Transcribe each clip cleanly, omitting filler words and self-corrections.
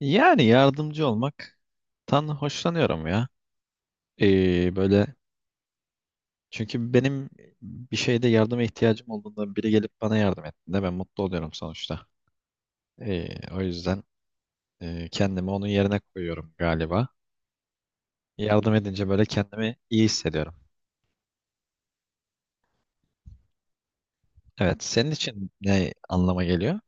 Yani yardımcı olmaktan hoşlanıyorum ya. Böyle çünkü benim bir şeyde yardıma ihtiyacım olduğunda biri gelip bana yardım ettiğinde ben mutlu oluyorum sonuçta. Ee, O yüzden kendimi onun yerine koyuyorum galiba. Yardım edince böyle kendimi iyi hissediyorum. Evet, senin için ne anlama geliyor?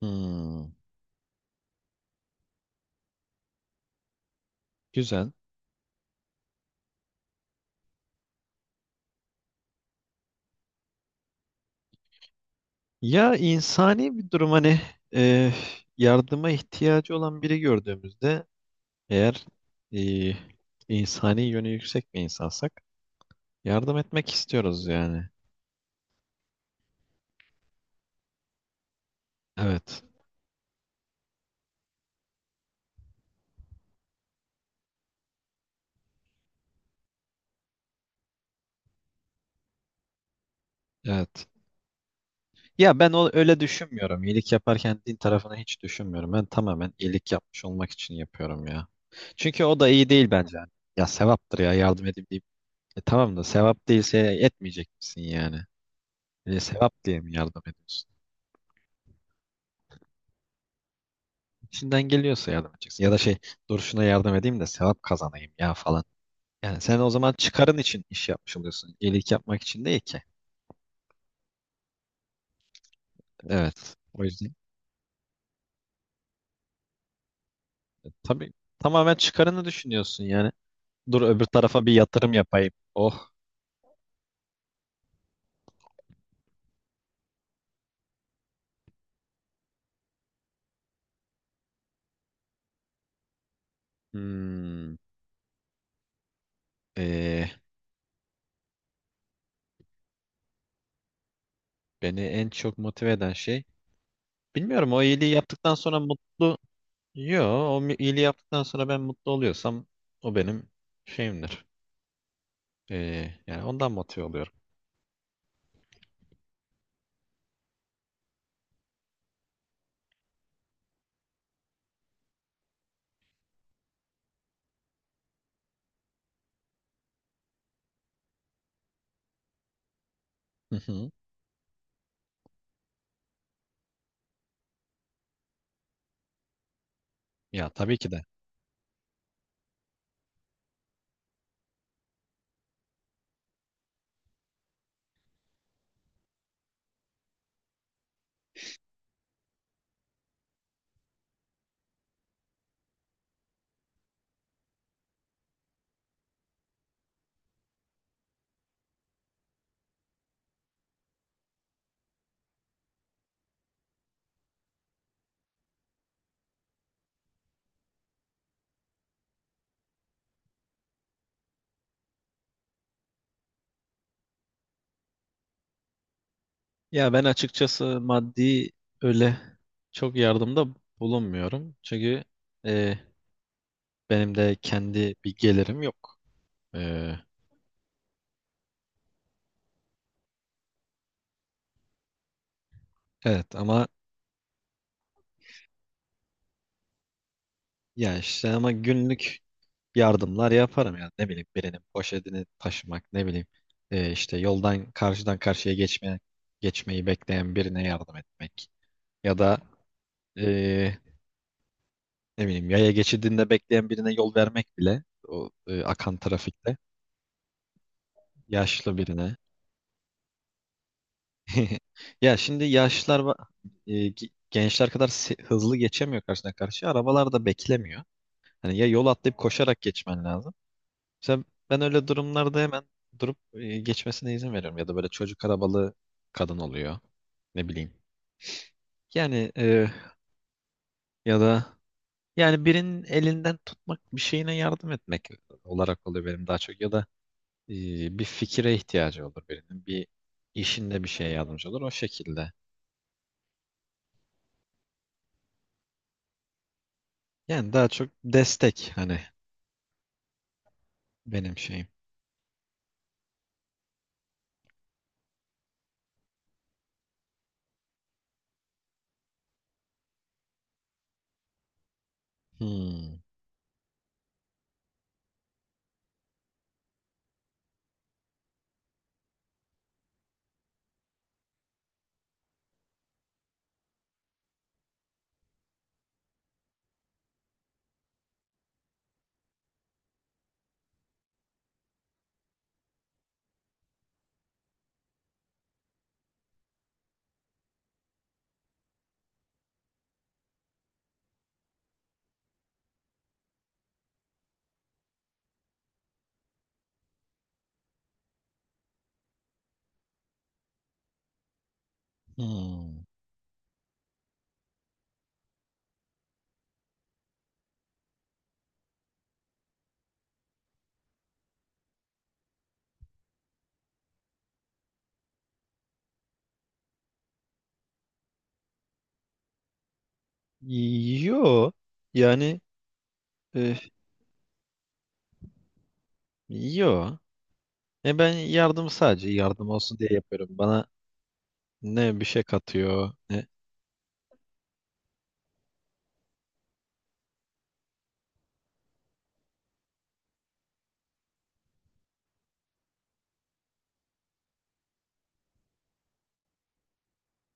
Hmm, güzel. Ya insani bir durum hani e, yardıma ihtiyacı olan biri gördüğümüzde eğer e, insani yönü yüksek bir insansak yardım etmek istiyoruz yani. Evet, evet. Ya ben o, öyle düşünmüyorum. İyilik yaparken din tarafını hiç düşünmüyorum. Ben tamamen iyilik yapmış olmak için yapıyorum ya. Çünkü o da iyi değil bence. Ya sevaptır ya yardım edeyim deyip. E tamam da sevap değilse etmeyecek misin yani? E, sevap diye mi yardım ediyorsun? İçinden geliyorsa yardım edeceksin. Ya da şey, dur şuna yardım edeyim de sevap kazanayım ya falan. Yani sen o zaman çıkarın için iş yapmış oluyorsun. İyilik yapmak için değil ki. Evet. O yüzden e, tabii, tamamen çıkarını düşünüyorsun yani. Dur öbür tarafa bir yatırım yapayım. Oh. Hmm. Ee, Beni en çok motive eden şey. Bilmiyorum o iyiliği yaptıktan sonra mutlu. Yo, iyiliği yaptıktan sonra ben mutlu oluyorsam o benim şeyimdir. Yani ondan motive oluyorum. Hı hı. Ya tabii ki de. Ya ben açıkçası maddi öyle çok yardımda bulunmuyorum. Çünkü e, benim de kendi bir gelirim yok. E, evet ama ya işte ama günlük yardımlar yaparım yani ne bileyim birinin poşetini taşımak, ne bileyim işte yoldan geçmeyi bekleyen birine yardım etmek ya da e, ne bileyim yaya geçidinde bekleyen birine yol vermek bile o akan trafikte yaşlı birine. Ya şimdi yaşlılar gençler kadar hızlı geçemiyor, karşıdan karşıya arabalar da beklemiyor. Hani ya yol atlayıp koşarak geçmen lazım. Mesela ben öyle durumlarda hemen durup geçmesine izin veriyorum. Ya da böyle çocuk arabalı kadın oluyor. Ne bileyim. Yani, ya da yani birinin elinden tutmak, bir şeyine yardım etmek olarak oluyor benim daha çok. Ya da e, bir fikire ihtiyacı olur birinin. Bir işinde bir şeye yardımcı olur o şekilde. Yani daha çok destek hani benim şeyim. Hmm, hmm. Yo, yani e, yo. E ben yardım sadece yardım olsun diye yapıyorum. Bana ne bir şey katıyor ne.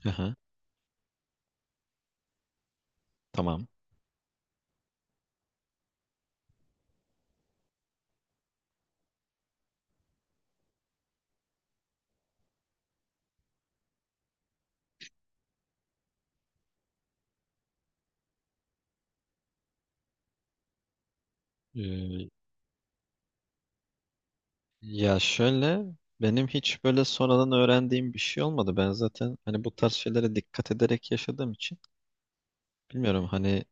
Aha, tamam. Ee, Ya şöyle, benim hiç böyle sonradan öğrendiğim bir şey olmadı. Ben zaten hani bu tarz şeylere dikkat ederek yaşadığım için bilmiyorum hani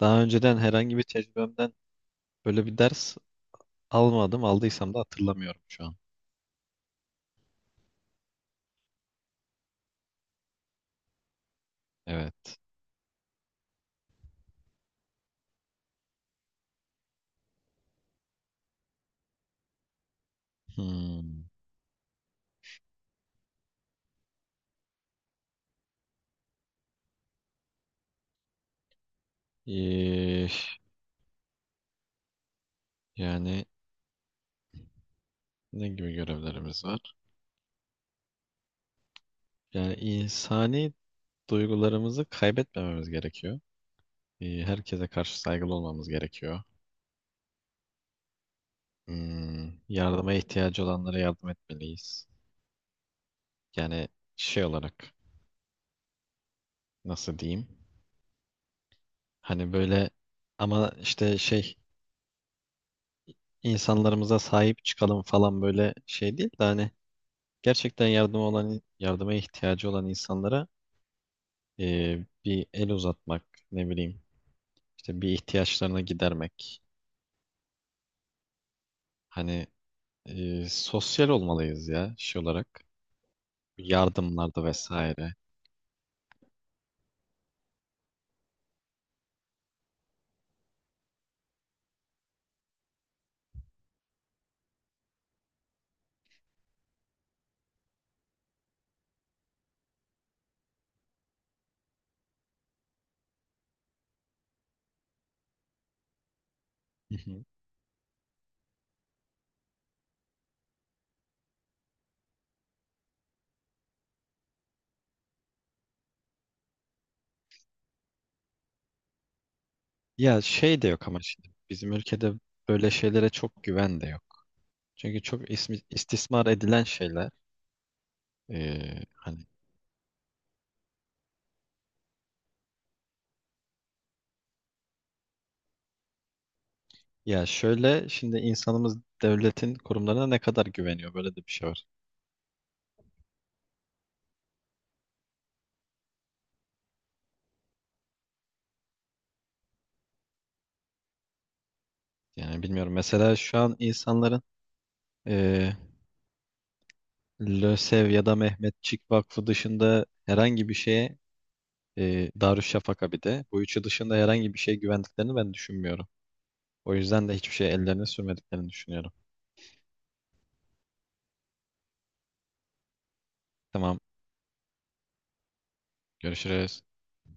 daha önceden herhangi bir tecrübemden böyle bir ders almadım. Aldıysam da hatırlamıyorum şu an. Evet. Hmm. Ee, Yani ne gibi görevlerimiz var? Yani insani duygularımızı kaybetmememiz gerekiyor. E, herkese karşı saygılı olmamız gerekiyor. Hmm, yardıma ihtiyacı olanlara yardım etmeliyiz. Yani şey olarak nasıl diyeyim? Hani böyle, ama işte şey, insanlarımıza sahip çıkalım falan böyle şey değil de hani gerçekten yardıma ihtiyacı olan insanlara bir el uzatmak, ne bileyim işte bir ihtiyaçlarını gidermek. Hani sosyal olmalıyız ya şey olarak, yardımlarda vesaire. Ya şey de yok ama şimdi bizim ülkede böyle şeylere çok güven de yok. Çünkü çok istismar edilen şeyler. Ee, hani Ya şöyle şimdi insanımız devletin kurumlarına ne kadar güveniyor, böyle de bir şey var. Yani bilmiyorum mesela şu an insanların ee, LÖSEV ya da Mehmetçik Vakfı dışında herhangi bir şeye Darüşşafaka, bir de bu üçü dışında herhangi bir şeye güvendiklerini ben düşünmüyorum. O yüzden de hiçbir şeye ellerini sürmediklerini düşünüyorum. Tamam, görüşürüz.